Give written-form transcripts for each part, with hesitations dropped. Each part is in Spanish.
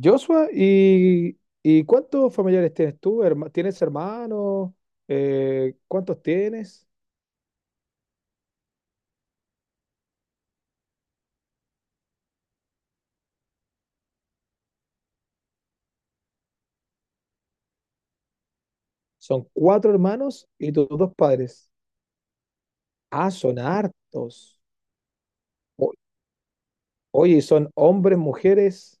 Joshua, ¿Y cuántos familiares tienes tú? ¿Tienes hermanos? ¿Cuántos tienes? Son cuatro hermanos y tus dos padres. Ah, son hartos. O- oye, son hombres, mujeres.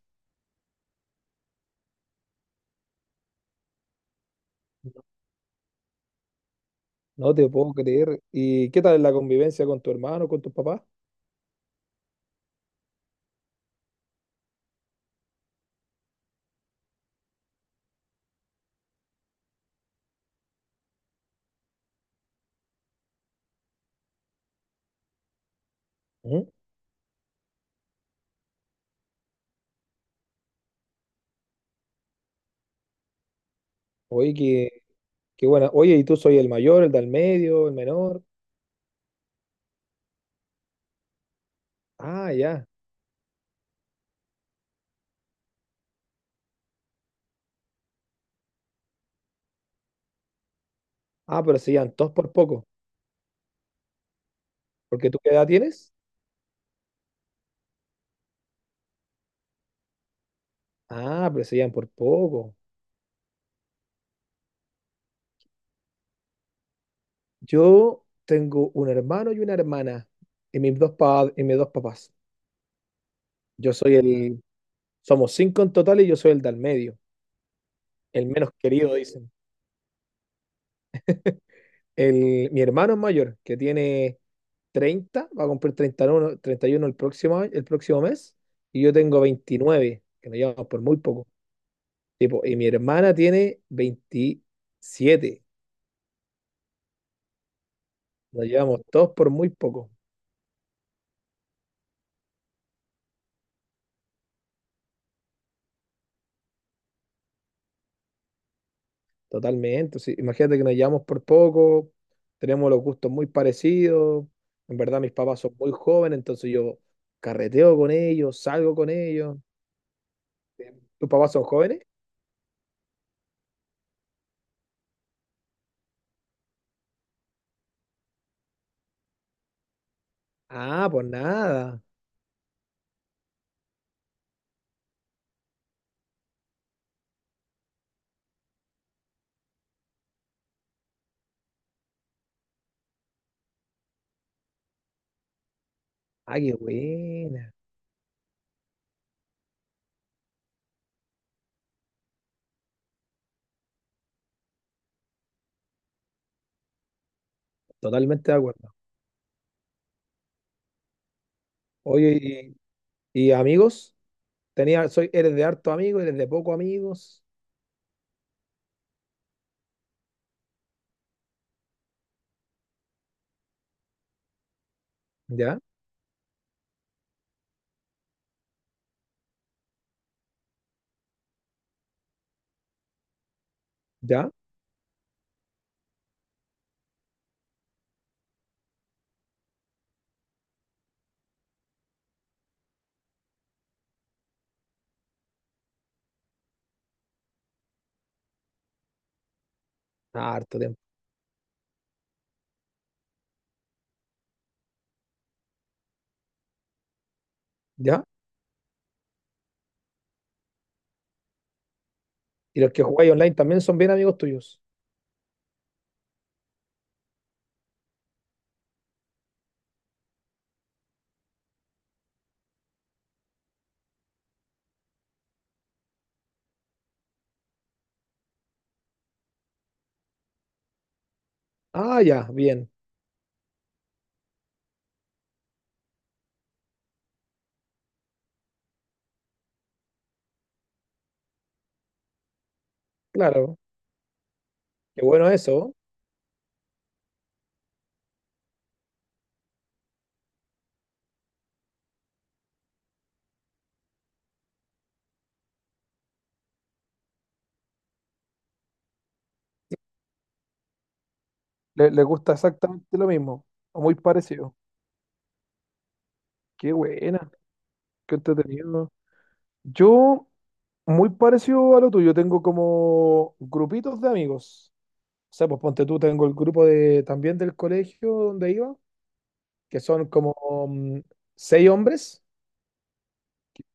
No te puedo creer. ¿Y qué tal la convivencia con tu hermano, con tu papá? Ujú. Oye, qué buena. Oye, ¿y tú soy el mayor, el del medio, el menor? Ah, ya. Ah, pero se llevan todos por poco. ¿Porque tú qué edad tienes? Ah, pero se llevan por poco. Yo tengo un hermano y una hermana y mis dos papás. Yo soy el... Somos cinco en total y yo soy el del medio, el menos querido, dicen. Mi hermano es mayor, que tiene 30, va a cumplir 31 el próximo, el próximo mes, y yo tengo 29, que nos llevamos por muy poco. Tipo, y mi hermana tiene 27. Nos llevamos todos por muy poco. Totalmente, sí. Imagínate que nos llevamos por poco, tenemos los gustos muy parecidos, en verdad mis papás son muy jóvenes, entonces yo carreteo con ellos, salgo con ellos. ¿Tus papás son jóvenes? Ah, pues nada. Ah, qué buena. Totalmente de acuerdo. Oye, ¿Y amigos? Eres de harto amigo, eres de poco amigos. ¿Ya? ¿Ya? Ah, harto tiempo. ¿Ya? ¿Y los que jugáis online también son bien amigos tuyos? Ah, ya, bien. Claro. Qué bueno eso. Le gusta exactamente lo mismo, o muy parecido. Qué buena, qué entretenido. Yo, muy parecido a lo tuyo, tengo como grupitos de amigos. O sea, pues ponte tú, tengo el grupo de, también del colegio donde iba, que son como mm, seis hombres.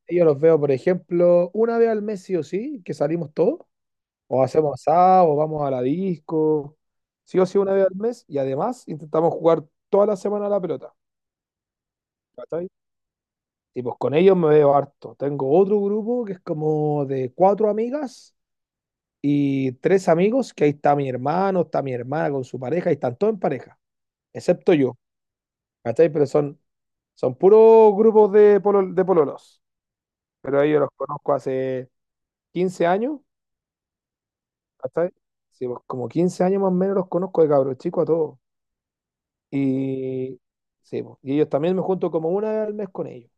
Y yo los veo, por ejemplo, una vez al mes sí o sí, que salimos todos, o hacemos asado, o vamos a la disco, sí o sí una vez al mes, y además intentamos jugar toda la semana a la pelota. ¿Cachai? Y pues con ellos me veo harto. Tengo otro grupo que es como de cuatro amigas y tres amigos, que ahí está mi hermano, está mi hermana con su pareja, y están todos en pareja, excepto yo, ¿cachai? Pero son puros grupos de, de pololos. Pero a ellos los conozco hace 15 años, ¿cachai? Sí, pues, como 15 años más o menos los conozco de cabros chicos a todos. Y, sí, pues, y ellos también me junto como una vez al mes con ellos.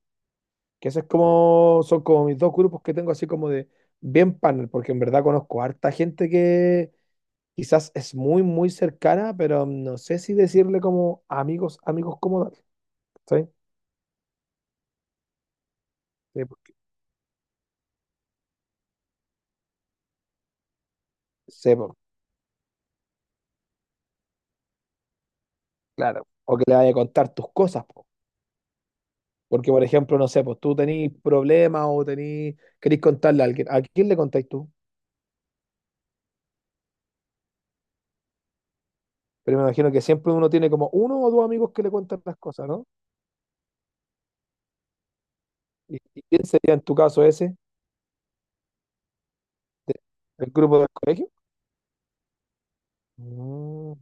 Que ese es como, son como mis dos grupos que tengo así como de bien panel, porque en verdad conozco harta gente que quizás es muy, muy cercana, pero no sé si decirle como amigos, amigos como tal. ¿Cachai? Sí, sí, po, claro. O que le vaya a contar tus cosas, po. Porque, por ejemplo, no sé, pues tú tenés problemas o querés contarle a alguien. ¿A quién le contáis tú? Pero me imagino que siempre uno tiene como uno o dos amigos que le cuentan las cosas, ¿no? Y quién sería en tu caso ese? ¿El grupo del colegio? Mm.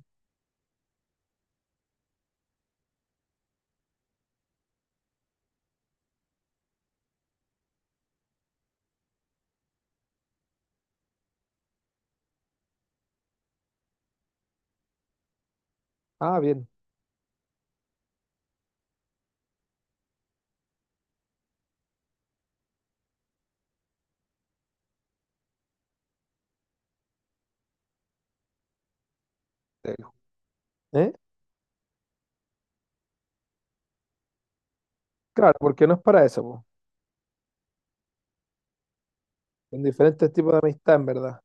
Ah, bien. Sí. ¿Eh? Claro, porque no es para eso, po. Son diferentes tipos de amistad, en verdad.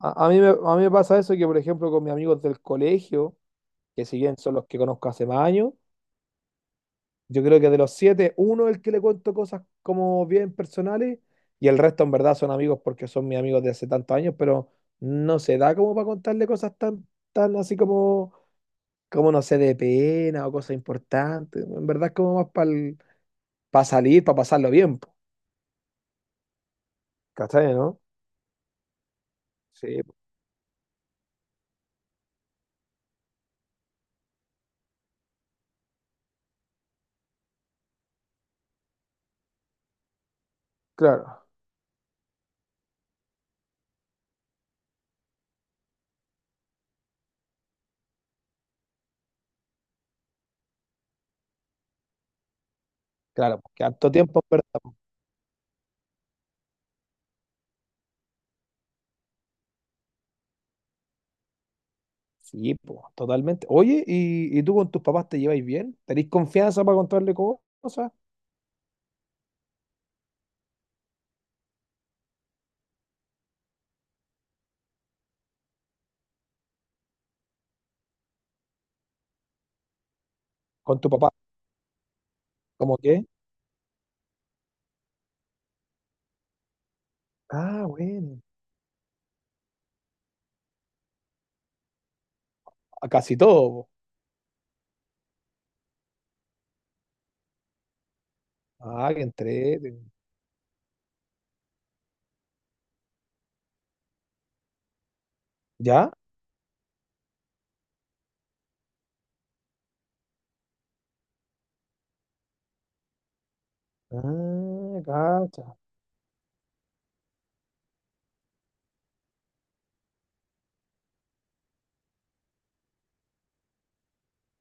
A mí me pasa eso que, por ejemplo, con mis amigos del colegio, que si bien son los que conozco hace más años, yo creo que de los siete, uno es el que le cuento cosas como bien personales y el resto en verdad son amigos porque son mis amigos de hace tantos años, pero no se da como para contarle cosas tan, tan así como, no sé, de pena o cosas importantes. En verdad es como más para salir, para pasarlo bien, po. ¿Cachai, no? Sí, po. Claro. Claro, porque harto tiempo, en verdad, po. Sí, po, totalmente. Oye, ¿Y tú con tus papás te lleváis bien? ¿Tenéis confianza para contarle cosas? ¿Con tu papá? ¿Cómo qué? Ah, bueno. A casi todo, po. Ah, que entreten. ¿Ya? Ah, cacha.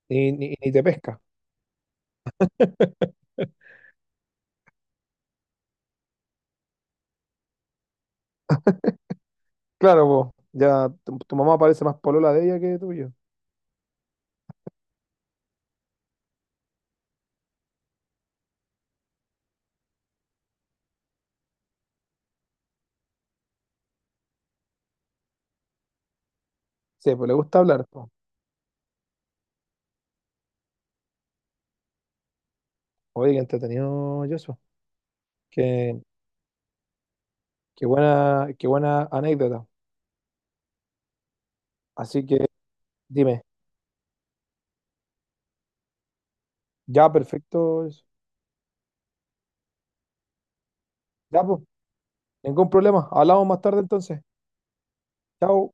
Y ni te pesca. Claro, po. Ya tu mamá parece más polola de ella que tuyo. Sí, pues le gusta hablar, po. Oye, qué entretenido, Joshua. Qué, qué buena, qué buena anécdota. Así que dime. Ya, perfecto. Ya, pues, ningún problema. Hablamos más tarde entonces. Chao.